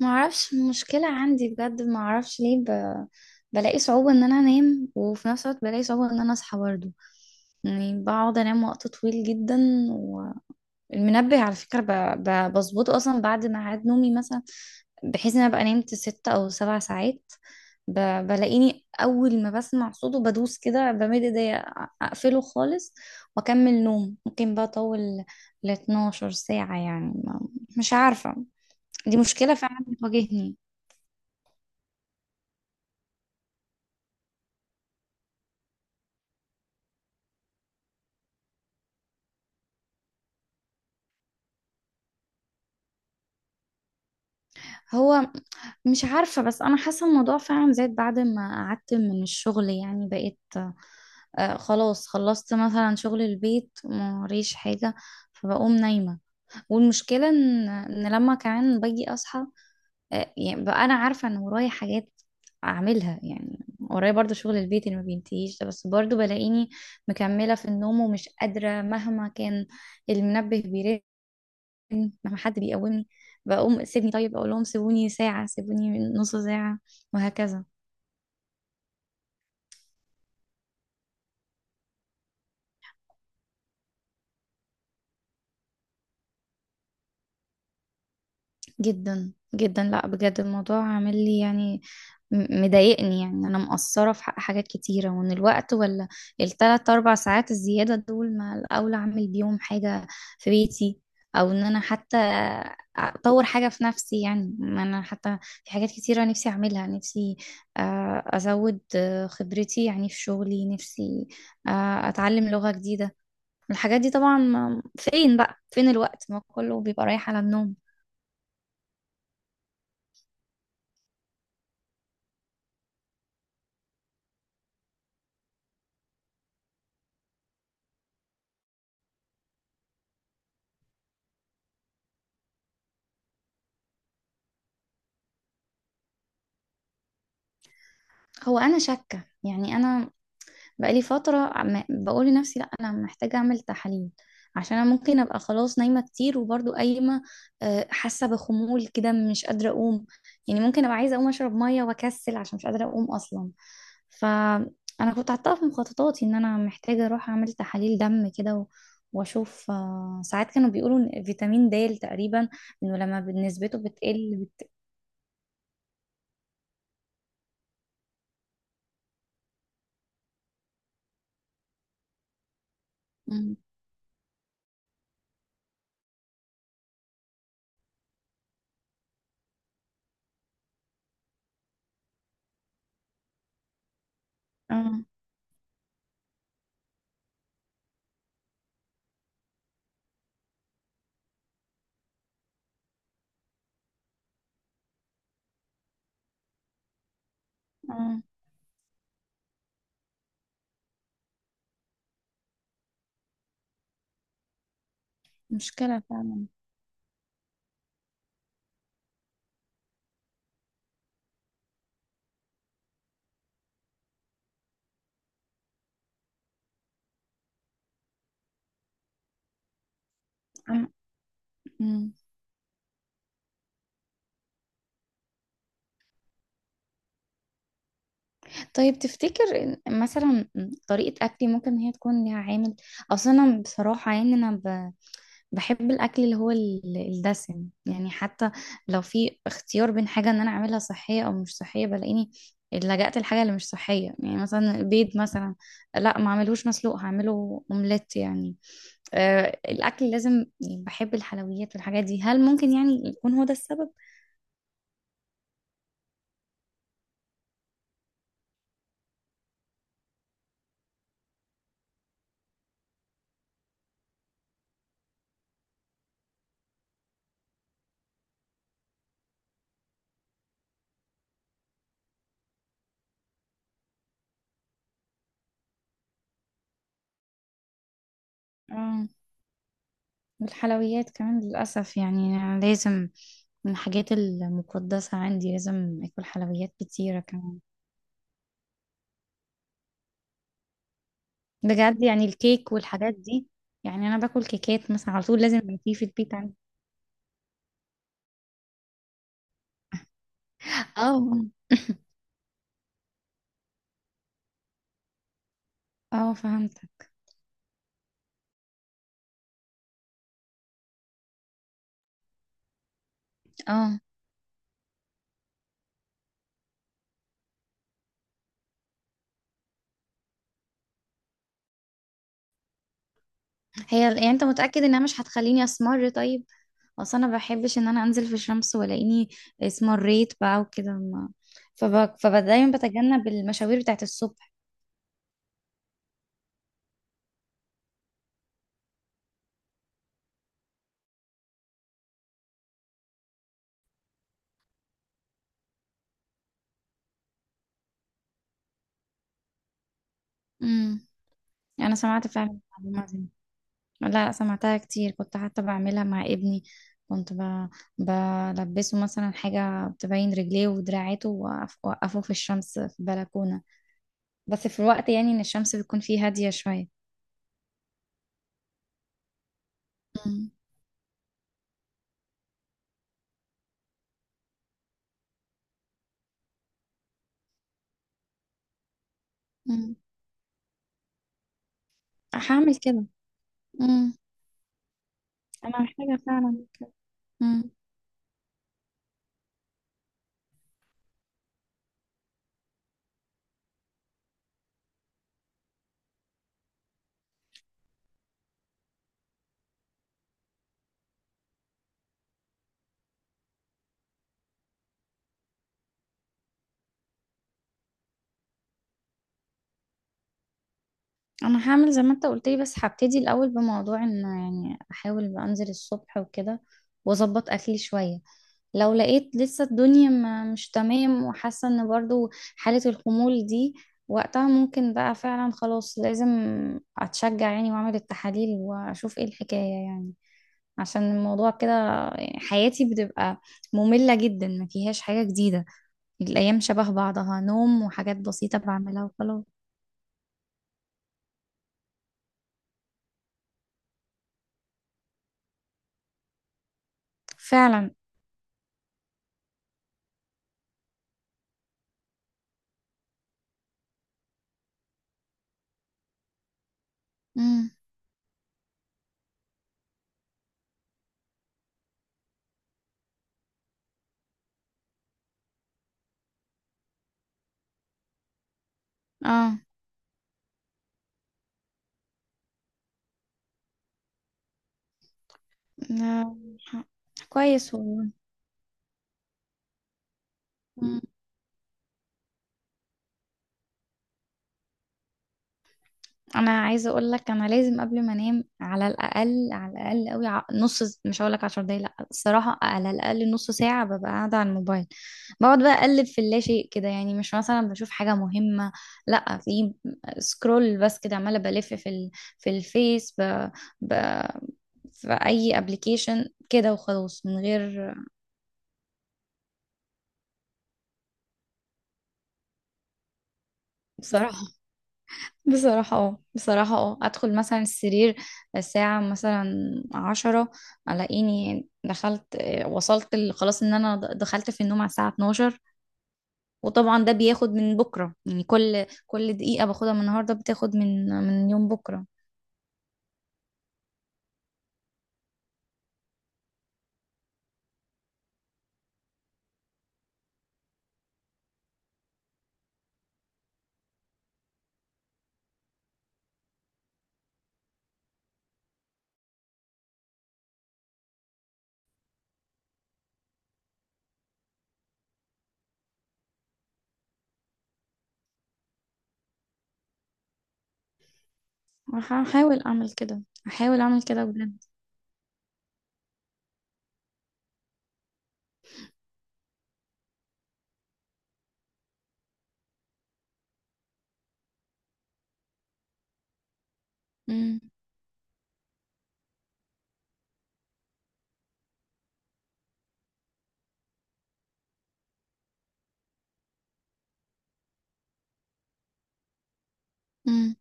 ما اعرفش مشكلة عندي بجد. ما اعرفش ليه بلاقي صعوبة ان انا انام، وفي نفس الوقت بلاقي صعوبة ان انا اصحى برضه. يعني بقعد انام وقت طويل جدا. والمنبه على فكرة بظبطه اصلا بعد ميعاد نومي مثلا، بحيث ان انا ابقى نمت ست او سبع ساعات. ب... بلاقيني اول ما بسمع صوته بدوس كده، بمد ايديا اقفله خالص، واكمل نوم ممكن بقى اطول ل 12 ساعة. يعني ما... مش عارفة. دي مشكلة فعلا بتواجهني. هو، مش عارفة، بس أنا حاسة الموضوع فعلا زاد بعد ما قعدت من الشغل. يعني بقيت، آه، خلاص خلصت مثلا شغل البيت، موريش حاجة فبقوم نايمة. والمشكلة إن لما كمان باجي أصحى، آه، يعني بقى أنا عارفة إن ورايا حاجات أعملها، يعني ورايا برضو شغل البيت اللي ما بينتهيش ده، بس برضو بلاقيني مكملة في النوم ومش قادرة مهما كان المنبه بيرن، لما حد بيقومني بقوم سيبني، طيب اقول لهم سيبوني ساعة، سيبوني نص ساعة، وهكذا. جدا جدا، لا بجد الموضوع عامل لي، يعني مضايقني. يعني انا مقصره في حق حاجات كتيره، وان الوقت ولا الثلاث اربع ساعات الزياده دول، ما الاولى اعمل بيهم حاجه في بيتي، او ان انا حتى اطور حاجه في نفسي. يعني ما انا حتى في حاجات كتيره نفسي اعملها، نفسي آه، ازود آه، خبرتي يعني في شغلي، نفسي آه، اتعلم لغه جديده. الحاجات دي طبعا فين بقى، فين الوقت، ما كله بيبقى رايح على النوم. هو انا شاكه، يعني انا بقالي فتره بقول لنفسي لا انا محتاجه اعمل تحاليل، عشان انا ممكن ابقى خلاص نايمه كتير وبرضو قايمه، آه، حاسه بخمول كده مش قادره اقوم. يعني ممكن ابقى عايزه اقوم اشرب ميه واكسل عشان مش قادره اقوم اصلا. فانا كنت حاطاها في مخططاتي ان انا محتاجه اروح اعمل تحاليل دم كده واشوف، آه، ساعات كانوا بيقولوا إن فيتامين د تقريبا انه لما نسبته بتقل مم. اه. اه، مشكله فعلا. أنا- مم. طيب، تفتكر إن مثلا طريقة أكلي ممكن إن هي تكون ليها عامل؟ أصل أنا بصراحة يعني بحب الأكل اللي هو الدسم، يعني حتى لو في اختيار بين حاجة إن أنا أعملها صحية أو مش صحية بلاقيني لجأت الحاجة اللي مش صحية. يعني مثلا البيض مثلا، لا ما أعملوش مسلوق، هعمله أومليت يعني. أه، الأكل لازم، يعني بحب الحلويات والحاجات دي. هل ممكن يعني يكون هو ده السبب؟ آه. والحلويات كمان للأسف يعني لازم، من الحاجات المقدسة عندي لازم اكل حلويات كتيرة كمان. بجد يعني الكيك والحاجات دي، يعني انا باكل كيكات مثلا على طول، لازم يبقى في البيت عندي. اه. اه، فهمت. اه. هي، يعني انت متأكد انها مش هتخليني اسمر؟ طيب، اصل انا ما بحبش ان انا انزل في الشمس والاقيني اسمريت بقى وكده، ما فدايما بتجنب المشاوير بتاعت الصبح. امم انا سمعت فعلا المعلومة دي. لا، سمعتها كتير، كنت حتى بعملها مع ابني. كنت بلبسه مثلا حاجة بتبين رجليه ودراعاته، وأوقفه في الشمس في بلكونة، بس في الوقت يعني إن الشمس بتكون فيه هادية شوية. مم. مم. هعمل كده. مم. أنا محتاجة فعلا. مم. أنا هعمل زي ما أنت قلت لي، بس هبتدي الأول بموضوع إن يعني أحاول أنزل الصبح وكده، وأظبط أكلي شوية. لو لقيت لسه الدنيا ما مش تمام، وحاسة ان برضو حالة الخمول دي، وقتها ممكن بقى فعلا خلاص لازم اتشجع، يعني واعمل التحاليل واشوف ايه الحكاية. يعني عشان الموضوع كده حياتي بتبقى مملة جدا، ما فيهاش حاجة جديدة، الايام شبه بعضها، نوم وحاجات بسيطة بعملها وخلاص. فعلا. امم. اه. آه، كويس والله. انا عايزه اقول لك، انا لازم قبل ما انام على الاقل، على الاقل قوي، مش هقول لك 10 دقايق، لا، الصراحه على الاقل نص ساعه ببقى قاعده على الموبايل، بقعد بقى اقلب في اللا شيء كده، يعني مش مثلا بشوف حاجه مهمه، لا، في سكرول بس كده، عماله بلف في ب... في اي ابلكيشن كده وخلاص من غير. بصراحه، بصراحة اه، بصراحة اه، ادخل مثلا السرير الساعة مثلا عشرة، الاقيني دخلت، آه، خلاص ان انا دخلت في النوم على الساعة 12. وطبعا ده بياخد من بكرة، يعني كل دقيقة باخدها من النهاردة بتاخد من يوم بكرة. هحاول اعمل كده، هحاول اعمل كده بجد. امم.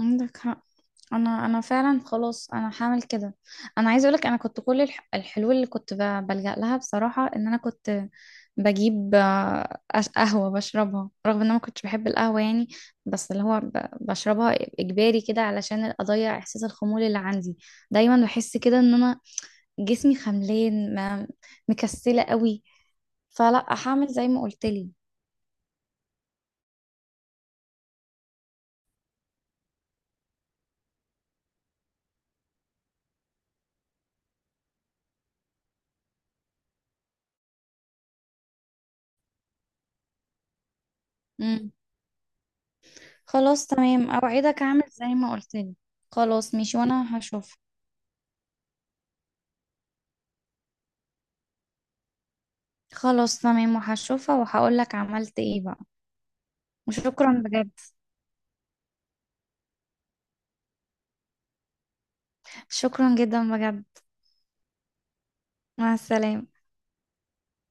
عندك حق. انا فعلا خلاص انا هعمل كده. انا عايزه اقولك انا كنت كل الحلول اللي بلجأ لها، بصراحه ان انا كنت بجيب آه، قهوه بشربها، رغم ان انا ما كنتش بحب القهوه يعني، بس اللي هو بشربها اجباري كده علشان اضيع احساس الخمول اللي عندي. دايما بحس كده ان انا جسمي خملان، مكسله قوي. فلا، هعمل زي ما قلت لي. خلاص تمام، اوعدك اعمل زي ما قلت لي. خلاص ماشي، وانا هشوف. خلاص تمام، وهشوفها وهقولك عملت ايه بقى. وشكرا بجد، شكرا جدا بجد. مع السلامة.